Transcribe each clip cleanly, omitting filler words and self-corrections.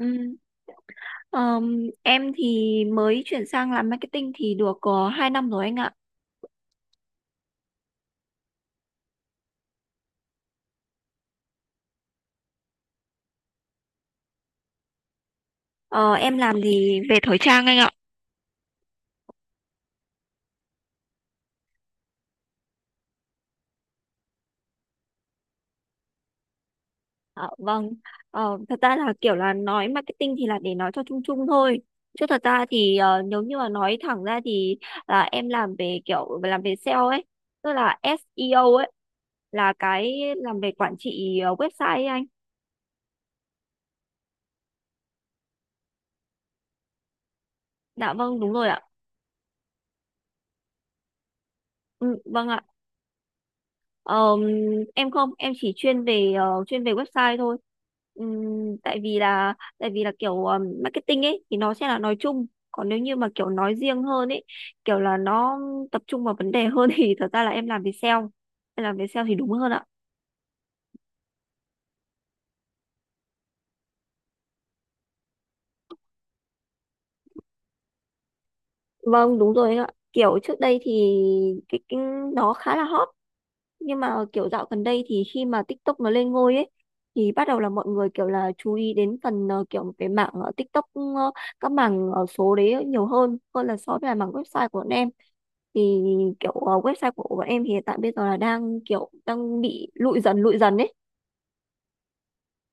Ừm, ờm, em thì mới chuyển sang làm marketing thì được có 2 năm rồi anh ạ. Ờ, em làm thì về thời trang anh ạ. Ờ, vâng. Thật ra là kiểu là nói marketing thì là để nói cho chung chung thôi. Chứ thật ra thì nếu như mà nói thẳng ra thì là em làm về kiểu làm về sale ấy, tức là SEO ấy, là cái làm về quản trị website ấy anh. Dạ vâng, đúng rồi ạ. Ừ, vâng ạ. Ờm, em không em chỉ chuyên về chuyên về website thôi. Tại vì là kiểu marketing ấy thì nó sẽ là nói chung, còn nếu như mà kiểu nói riêng hơn ấy, kiểu là nó tập trung vào vấn đề hơn thì thật ra là em làm về sale thì đúng hơn ạ. Vâng đúng rồi anh ạ, kiểu trước đây thì cái nó khá là hot, nhưng mà kiểu dạo gần đây thì khi mà TikTok nó lên ngôi ấy thì bắt đầu là mọi người kiểu là chú ý đến phần kiểu cái mảng TikTok, các mảng số đấy nhiều hơn hơn là so với là mảng website của bọn em. Thì kiểu website của bọn em thì hiện tại bây giờ là đang kiểu đang bị lụi dần ấy,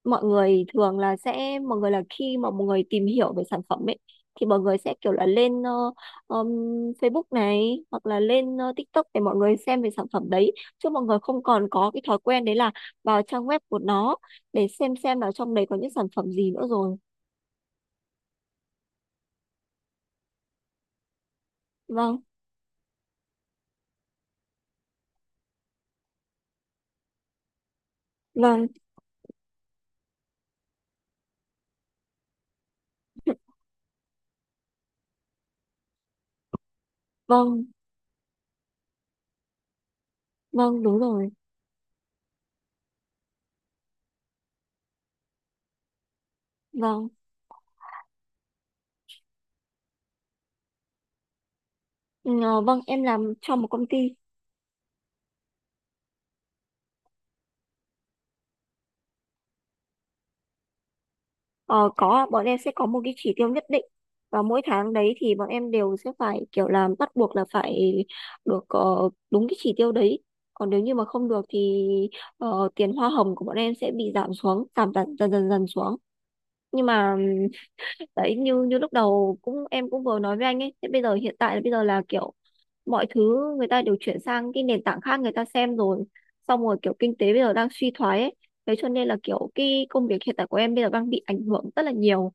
mọi người là khi mà mọi người tìm hiểu về sản phẩm ấy thì mọi người sẽ kiểu là lên um, Facebook này, hoặc là lên TikTok để mọi người xem về sản phẩm đấy, chứ mọi người không còn có cái thói quen đấy là vào trang web của nó để xem là trong đấy có những sản phẩm gì nữa rồi. Vâng. vâng vâng vâng đúng rồi. Vâng. Ừ, vâng em làm trong một công ty. Ờ, có ạ. Bọn em sẽ có một cái chỉ tiêu nhất định, và mỗi tháng đấy thì bọn em đều sẽ phải kiểu làm bắt buộc là phải được đúng cái chỉ tiêu đấy. Còn nếu như mà không được thì tiền hoa hồng của bọn em sẽ bị giảm xuống, giảm dần dần dần, dần xuống. Nhưng mà đấy, như như lúc đầu cũng em cũng vừa nói với anh ấy, thế bây giờ hiện tại là bây giờ là kiểu mọi thứ người ta đều chuyển sang cái nền tảng khác người ta xem rồi, xong rồi kiểu kinh tế bây giờ đang suy thoái ấy, thế cho nên là kiểu cái công việc hiện tại của em bây giờ đang bị ảnh hưởng rất là nhiều.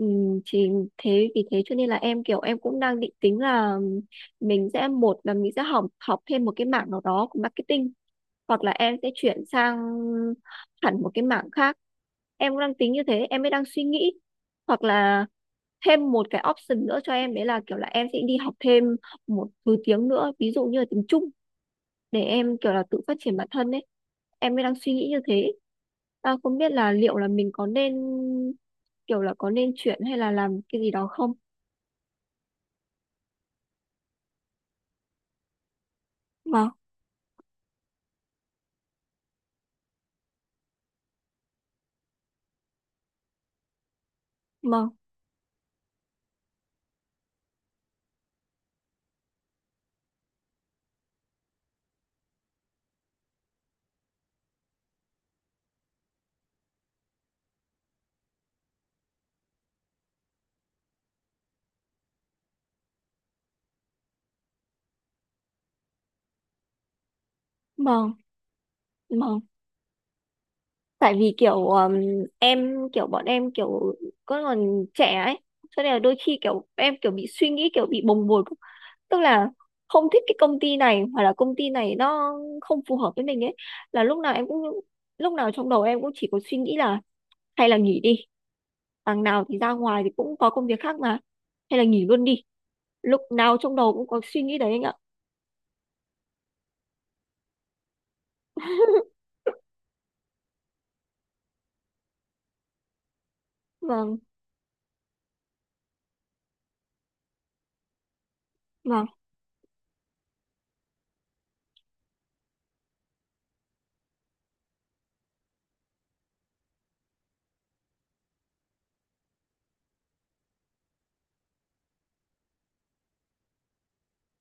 Ừ, thì thế vì thế cho nên là em kiểu em cũng đang định tính là mình sẽ, một là mình sẽ học học thêm một cái mảng nào đó của marketing, hoặc là em sẽ chuyển sang hẳn một cái mảng khác. Em cũng đang tính như thế, em mới đang suy nghĩ. Hoặc là thêm một cái option nữa cho em đấy là kiểu là em sẽ đi học thêm một thứ tiếng nữa, ví dụ như là tiếng Trung, để em kiểu là tự phát triển bản thân ấy. Em mới đang suy nghĩ như thế, à, không biết là liệu là mình có nên kiểu là có nên chuyển hay là làm cái gì đó không. Vâng vâng vâng Vâng. Tại vì kiểu em kiểu bọn em kiểu có còn trẻ ấy, cho nên là đôi khi kiểu em kiểu bị suy nghĩ kiểu bị bồng bột, tức là không thích cái công ty này, hoặc là công ty này nó không phù hợp với mình ấy, là lúc nào em cũng, lúc nào trong đầu em cũng chỉ có suy nghĩ là hay là nghỉ đi, đằng nào thì ra ngoài thì cũng có công việc khác mà, hay là nghỉ luôn đi. Lúc nào trong đầu cũng có suy nghĩ đấy anh ạ. Vâng vâng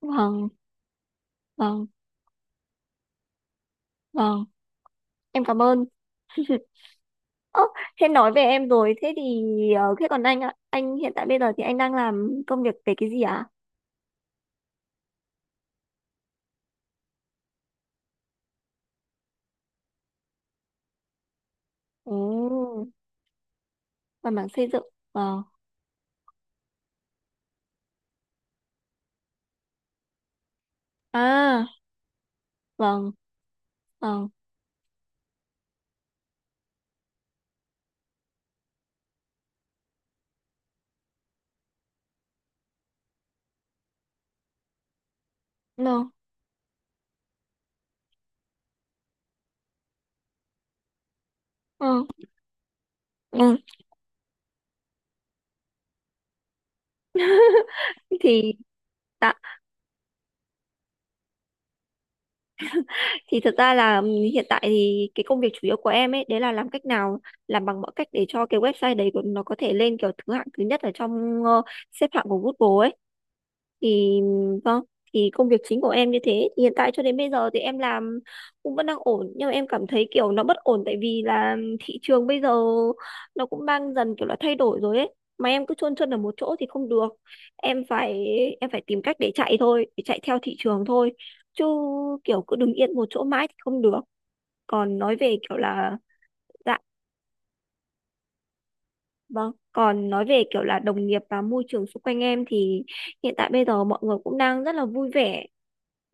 vâng Vâng. Vâng, em cảm ơn. Ơ, thế nói về em rồi, thế thì thế còn anh ạ, anh hiện tại bây giờ thì anh đang làm công việc về cái gì ạ? Ồ, làm mảng xây dựng. Vâng. À, vâng, vâng. No. Ừ. Ừ. Thì tạ- thì thật ra là hiện tại thì cái công việc chủ yếu của em ấy đấy là làm cách nào, làm bằng mọi cách để cho cái website đấy của nó có thể lên kiểu thứ hạng thứ nhất ở trong xếp hạng của Google ấy. Thì vâng, thì công việc chính của em như thế thì hiện tại cho đến bây giờ thì em làm cũng vẫn đang ổn, nhưng mà em cảm thấy kiểu nó bất ổn, tại vì là thị trường bây giờ nó cũng đang dần kiểu là thay đổi rồi ấy, mà em cứ chôn chân ở một chỗ thì không được. em phải em phải tìm cách để chạy thôi, để chạy theo thị trường thôi, chứ kiểu cứ đứng yên một chỗ mãi thì không được. Còn nói về kiểu là, dạ vâng, còn nói về kiểu là đồng nghiệp và môi trường xung quanh em thì hiện tại bây giờ mọi người cũng đang rất là vui vẻ,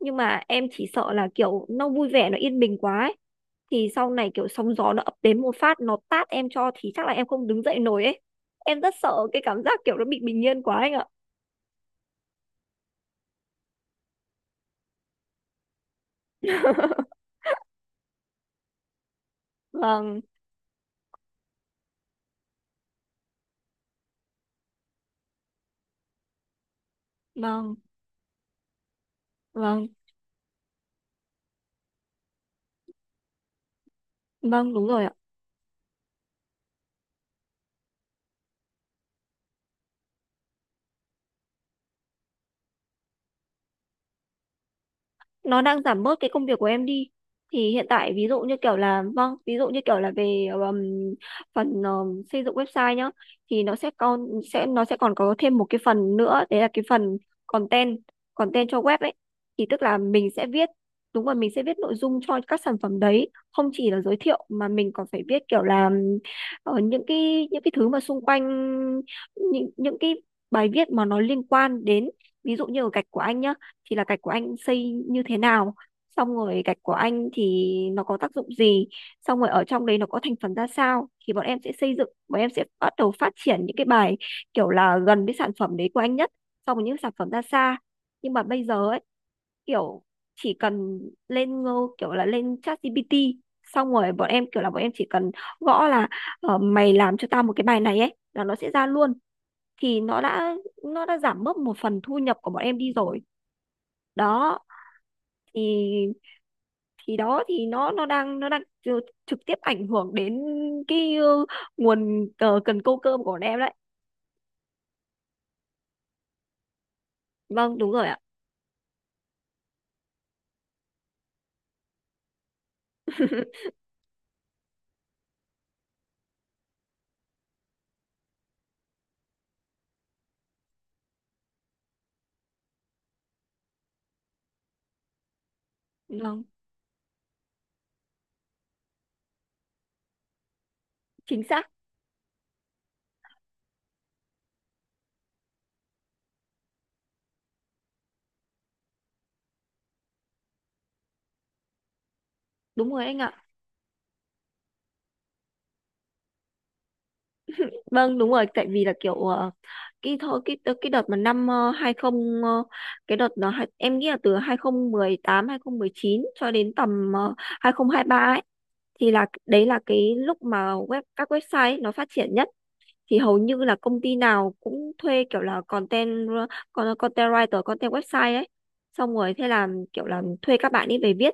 nhưng mà em chỉ sợ là kiểu nó vui vẻ nó yên bình quá ấy. Thì sau này kiểu sóng gió nó ập đến một phát nó tát em cho thì chắc là em không đứng dậy nổi ấy. Em rất sợ cái cảm giác kiểu nó bị bình yên quá anh ạ. vâng vâng vâng Vâng đúng rồi ạ. Nó đang giảm bớt cái công việc của em đi. Thì hiện tại ví dụ như kiểu là, vâng, ví dụ như kiểu là về phần xây dựng website nhá, thì nó sẽ còn, nó sẽ còn có thêm một cái phần nữa đấy là cái phần content, content cho web ấy. Thì tức là mình sẽ viết, đúng rồi, mình sẽ viết nội dung cho các sản phẩm đấy, không chỉ là giới thiệu mà mình còn phải viết kiểu là những cái thứ mà xung quanh, những cái bài viết mà nó liên quan đến, ví dụ như ở gạch của anh nhá, thì là gạch của anh xây như thế nào, xong rồi gạch của anh thì nó có tác dụng gì, xong rồi ở trong đấy nó có thành phần ra sao, thì bọn em sẽ xây dựng, bọn em sẽ bắt đầu phát triển những cái bài kiểu là gần với sản phẩm đấy của anh nhất, xong rồi những sản phẩm ra xa. Nhưng mà bây giờ ấy kiểu chỉ cần lên ngô kiểu là lên ChatGPT, xong rồi bọn em chỉ cần gõ là mày làm cho tao một cái bài này ấy, là nó sẽ ra luôn. Thì nó đã, nó đã giảm bớt một phần thu nhập của bọn em đi rồi. Đó, thì thì đó, thì nó đang trực tiếp ảnh hưởng đến cái nguồn cần câu cơm của bọn em đấy. Vâng đúng rồi ạ. Vâng, chính xác. Đúng rồi anh ạ. Vâng đúng rồi, tại vì là kiểu cái đợt mà năm 20, cái đợt nó em nghĩ là từ 2018 chín cho đến tầm 2023 ấy, thì là đấy là cái lúc mà các website ấy, nó phát triển nhất. Thì hầu như là công ty nào cũng thuê kiểu là content, content writer, content website ấy, xong rồi thế là kiểu là thuê các bạn ấy về viết.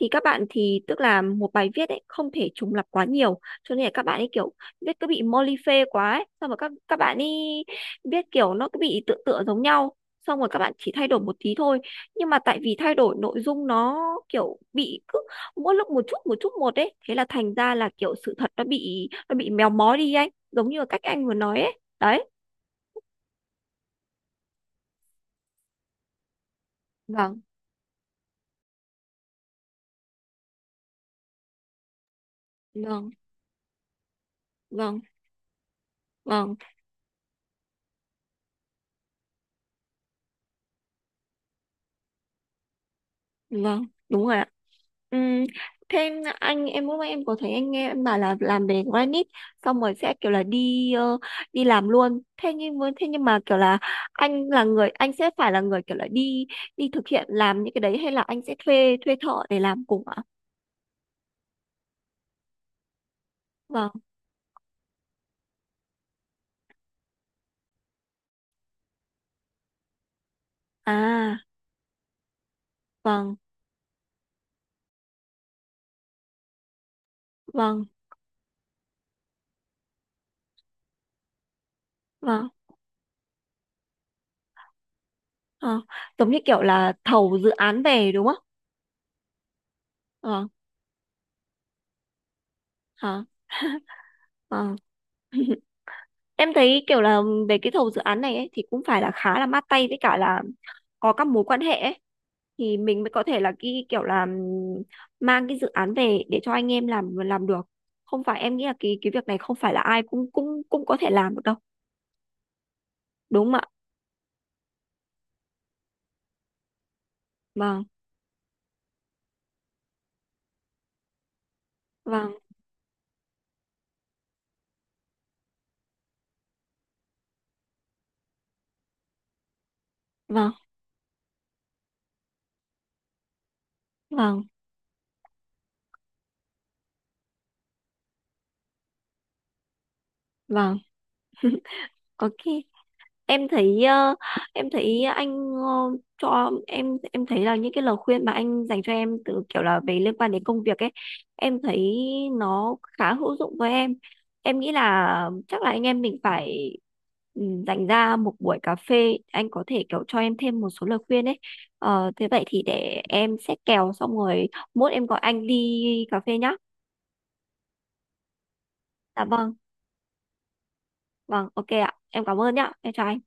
Thì các bạn thì tức là một bài viết ấy không thể trùng lặp quá nhiều, cho nên là các bạn ấy kiểu viết cứ bị moly phê quá ấy, xong rồi các bạn ấy viết kiểu nó cứ bị tựa tựa giống nhau, xong rồi các bạn chỉ thay đổi một tí thôi, nhưng mà tại vì thay đổi nội dung nó kiểu bị cứ mỗi lúc một chút một chút một ấy, thế là thành ra là kiểu sự thật nó bị, nó bị méo mó đi anh, giống như là cách anh vừa nói ấy đấy. Vâng vâng vâng vâng Vâng đúng rồi ạ. Ừm, thêm anh, em lúc nãy em có thấy anh nghe em bảo là làm về granite, xong rồi sẽ kiểu là đi đi làm luôn, thế nhưng với thế nhưng mà kiểu là anh là người, anh sẽ phải là người kiểu là đi đi thực hiện làm những cái đấy, hay là anh sẽ thuê thuê thợ để làm cùng ạ? Vâng à vâng vâng Vâng. Ờ, giống như kiểu là thầu dự án về đúng không? Ờ, ờ, ờ. Em thấy kiểu là về cái thầu dự án này ấy, thì cũng phải là khá là mát tay với cả là có các mối quan hệ ấy. Thì mình mới có thể là cái kiểu là mang cái dự án về để cho anh em làm được. Không phải, em nghĩ là cái việc này không phải là ai cũng cũng cũng có thể làm được đâu. Đúng không ạ? Vâng, vâng, vâng, vâng, vâng. Ok. Em thấy em thấy anh cho em thấy là những cái lời khuyên mà anh dành cho em từ kiểu là về liên quan đến công việc ấy, em thấy nó khá hữu dụng với em. Em nghĩ là chắc là anh em mình phải, ừ, dành ra một buổi cà phê, anh có thể kiểu cho em thêm một số lời khuyên ấy. Ờ, thế vậy thì để em xét kèo, xong rồi mốt em gọi anh đi cà phê nhá. Dạ vâng. Vâng, ok ạ, em cảm ơn nhá, em chào anh.